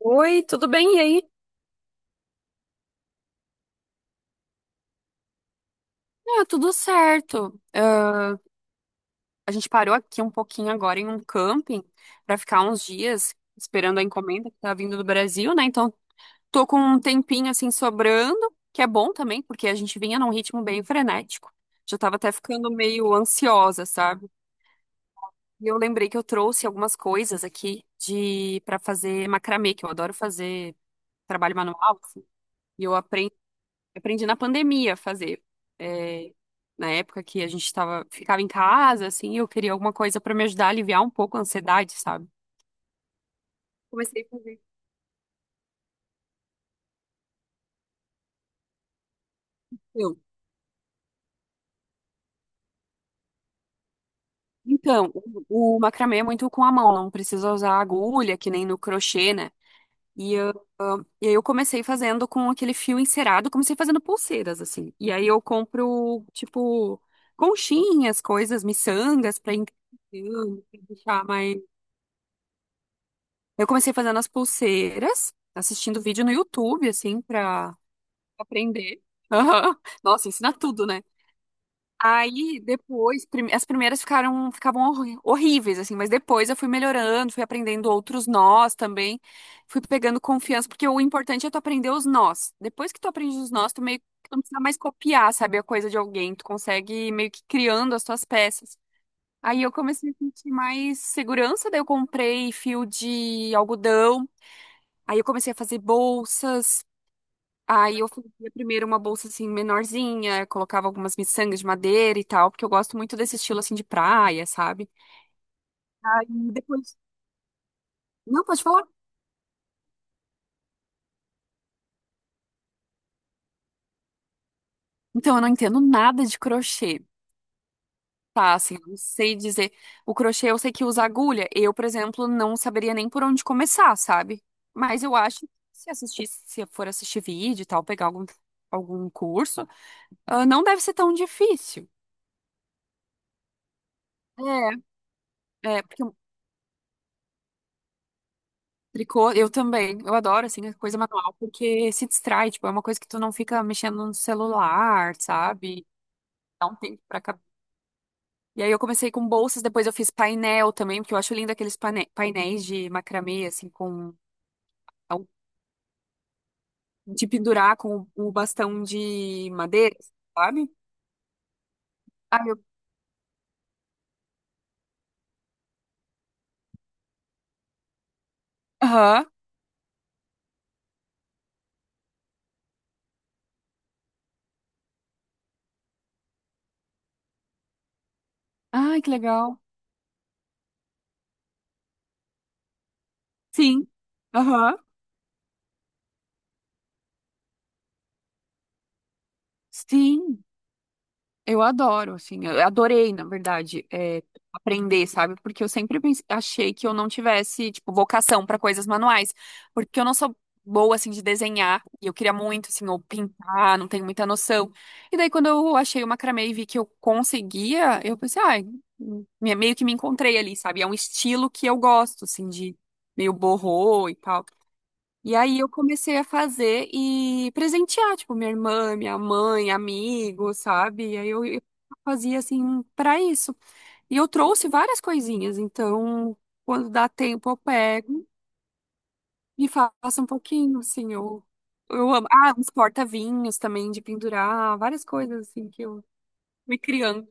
Oi, tudo bem? E aí? Ah, tudo certo. Ah, a gente parou aqui um pouquinho agora em um camping para ficar uns dias esperando a encomenda que tá vindo do Brasil, né? Então, tô com um tempinho assim sobrando, que é bom também, porque a gente vinha num ritmo bem frenético. Já tava até ficando meio ansiosa, sabe? E eu lembrei que eu trouxe algumas coisas aqui de para fazer macramê, que eu adoro fazer trabalho manual, assim. E eu aprendi Eu aprendi na pandemia a fazer. É, na época que a gente tava, ficava em casa, assim, eu queria alguma coisa pra me ajudar a aliviar um pouco a ansiedade, sabe? Comecei a fazer. Eu. Então, o macramê é muito com a mão, não precisa usar agulha, que nem no crochê, né? E eu, ah, e aí eu comecei fazendo com aquele fio encerado, comecei fazendo pulseiras, assim. E aí eu compro, tipo, conchinhas, coisas, miçangas pra enfeitar, pra deixar mais. Eu comecei fazendo as pulseiras, assistindo vídeo no YouTube, assim, pra aprender. Aham. Nossa, ensina tudo, né? Aí depois, as primeiras ficaram ficavam horríveis, assim, mas depois eu fui melhorando, fui aprendendo outros nós também, fui pegando confiança, porque o importante é tu aprender os nós. Depois que tu aprende os nós, tu meio que tu não precisa mais copiar, sabe, a coisa de alguém, tu consegue ir meio que criando as tuas peças. Aí eu comecei a sentir mais segurança, daí eu comprei fio de algodão. Aí eu comecei a fazer bolsas. Aí eu fazia primeiro uma bolsa assim menorzinha, colocava algumas miçangas de madeira e tal, porque eu gosto muito desse estilo assim de praia, sabe? Aí depois. Não, pode falar. Então, eu não entendo nada de crochê, tá? Assim, eu não sei dizer. O crochê eu sei que usa agulha. Eu, por exemplo, não saberia nem por onde começar, sabe? Mas eu acho que se assistir, se eu for assistir vídeo e tal, pegar algum, algum curso, ah, não deve ser tão difícil. Porque Tricô, eu também. Eu adoro, assim, a coisa manual, porque se distrai, tipo, é uma coisa que tu não fica mexendo no celular, sabe? Dá um tempo pra acabar. E aí eu comecei com bolsas, depois eu fiz painel também, porque eu acho lindo aqueles painéis de macramê, assim, com de pendurar com o bastão de madeira, sabe? Ah, eu... Aham. Ai, que legal. Sim. Aham. Sim. Eu adoro, assim, eu adorei, na verdade, é, aprender, sabe? Porque eu sempre achei que eu não tivesse, tipo, vocação para coisas manuais, porque eu não sou boa, assim, de desenhar, e eu queria muito, assim, ou pintar, não tenho muita noção. E daí, quando eu achei o macramê e vi que eu conseguia, eu pensei, ai, meio que me encontrei ali, sabe? É um estilo que eu gosto, assim, de meio borrô e tal. E aí eu comecei a fazer e presentear, tipo, minha irmã, minha mãe, amigos, sabe? E aí eu fazia assim pra isso. E eu trouxe várias coisinhas, então quando dá tempo eu pego e faço um pouquinho, assim, eu amo. Ah, uns porta-vinhos também de pendurar, várias coisas assim que eu fui criando.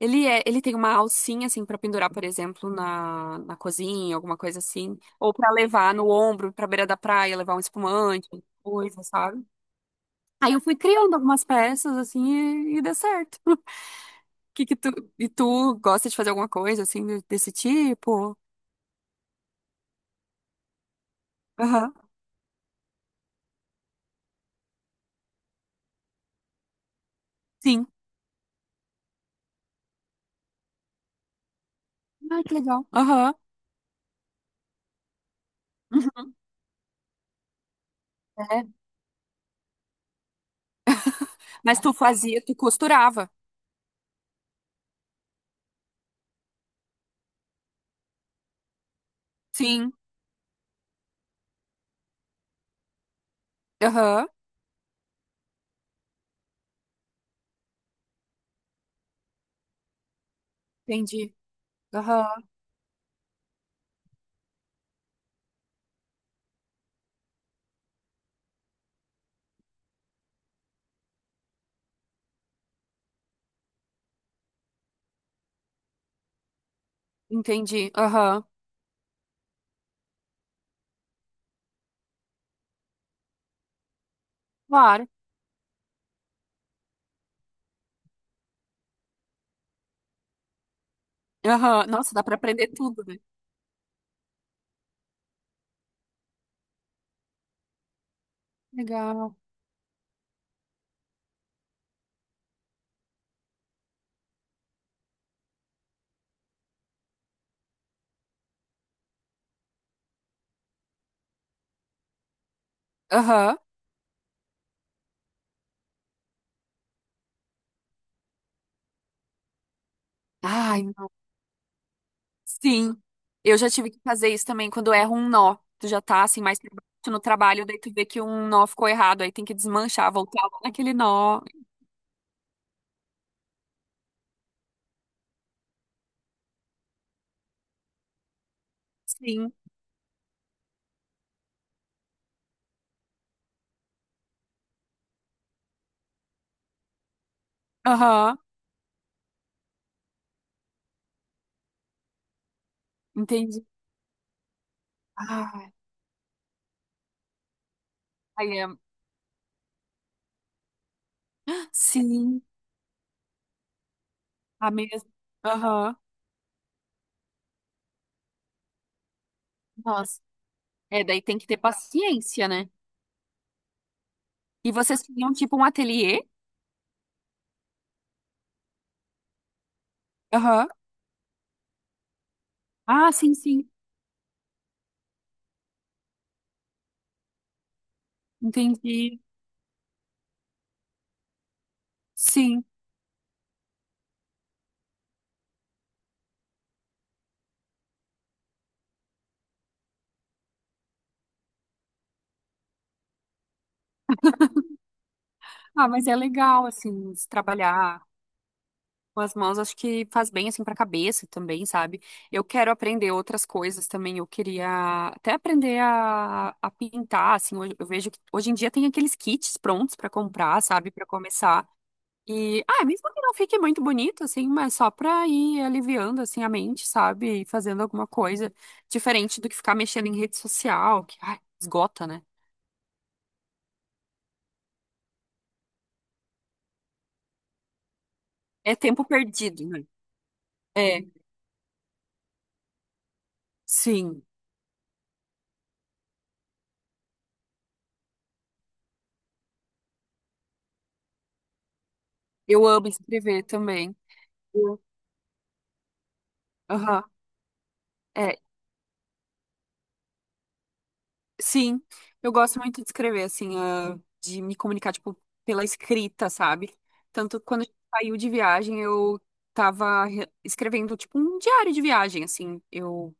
Ele tem uma alcinha assim pra pendurar, por exemplo, na cozinha, alguma coisa assim, ou pra levar no ombro, pra beira da praia, levar um espumante coisa, sabe? Aí eu fui criando algumas peças, assim, e deu certo. Que que tu, e tu gosta de fazer alguma coisa, assim, de- desse tipo? Aham. Sim. Ai, que legal. Aham. Uhum. É. Mas tu fazia, tu costurava. Sim. Aham. Entendi. Aham. Entendi. Aham. Claro. Aham. Nossa, dá pra aprender tudo, né? Legal. Aham. Ai, sim, eu já tive que fazer isso também quando erra um nó. Tu já tá assim mais pra baixo no trabalho, daí tu vê que um nó ficou errado, aí tem que desmanchar, voltar lá naquele nó. Sim, aham, entendi. Ah, aí é, sim, a mesma. Aham, nossa. É, daí tem que ter paciência, né? E vocês tinham tipo um ateliê? Aham. Ah, sim, sim, entendi. Sim. Ah, mas é legal, assim, se trabalhar. Com as mãos, acho que faz bem assim para a cabeça também, sabe? Eu quero aprender outras coisas também. Eu queria até aprender a pintar, assim. Hoje, eu vejo que hoje em dia tem aqueles kits prontos para comprar, sabe? Para começar. E, ah, mesmo que não fique muito bonito, assim, mas só para ir aliviando, assim, a mente, sabe? E fazendo alguma coisa diferente do que ficar mexendo em rede social, que, ai, esgota, né? É tempo perdido, né? É, sim. Eu amo escrever também. Eu- Aham. É, sim, eu gosto muito de escrever, assim, ah, de me comunicar, tipo, pela escrita, sabe? Tanto quando a gente saiu de viagem, eu tava escrevendo, tipo, um diário de viagem, assim, eu...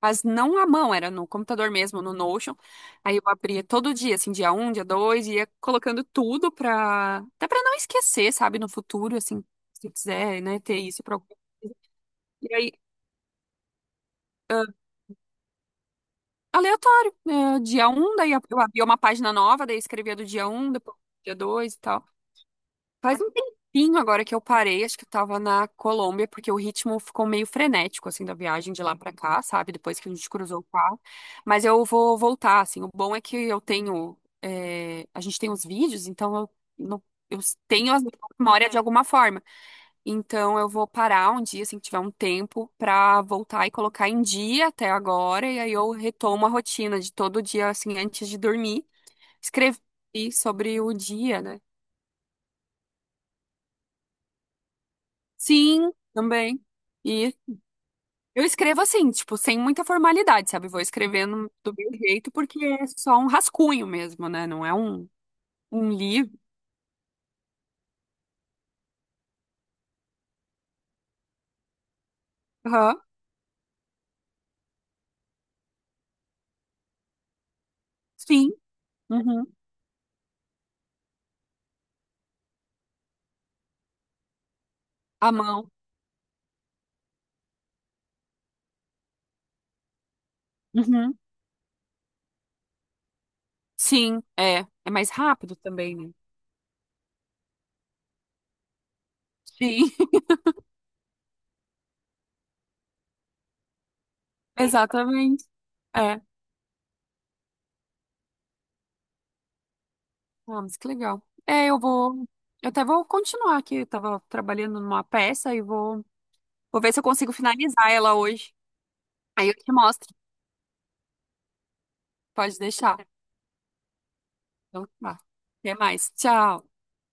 Mas não à mão, era no computador mesmo, no Notion. Aí eu abria todo dia, assim, dia um, dia dois, ia colocando tudo pra... Até pra não esquecer, sabe? No futuro, assim, se eu quiser, né, ter isso pra... algum- E aí, aleatório, né? Dia um, daí eu abria uma página nova, daí eu escrevia do dia um, depois do dia dois e tal. Faz um tempinho agora que eu parei, acho que eu tava na Colômbia, porque o ritmo ficou meio frenético, assim, da viagem de lá pra cá, sabe? Depois que a gente cruzou o carro. Mas eu vou voltar, assim. O bom é que eu tenho. É, A gente tem os vídeos, então eu, não- eu tenho as memórias de alguma forma. Então eu vou parar um dia, assim, que tiver um tempo, pra voltar e colocar em dia até agora. E aí eu retomo a rotina de todo dia, assim, antes de dormir, escrever sobre o dia, né? Sim, também. E eu escrevo assim, tipo, sem muita formalidade, sabe? Vou escrevendo do meu jeito, porque é só um rascunho mesmo, né? Não é um, um livro. Aham. Sim. Uhum. À mão. Uhum. Sim, é. É mais rápido também, né? Sim, exatamente. É. Ah, mas que legal. É, eu vou. Eu até vou continuar aqui. Eu tava trabalhando numa peça e vou ver se eu consigo finalizar ela hoje. Aí eu te mostro. Pode deixar. Então, tá. Até mais. Tchau.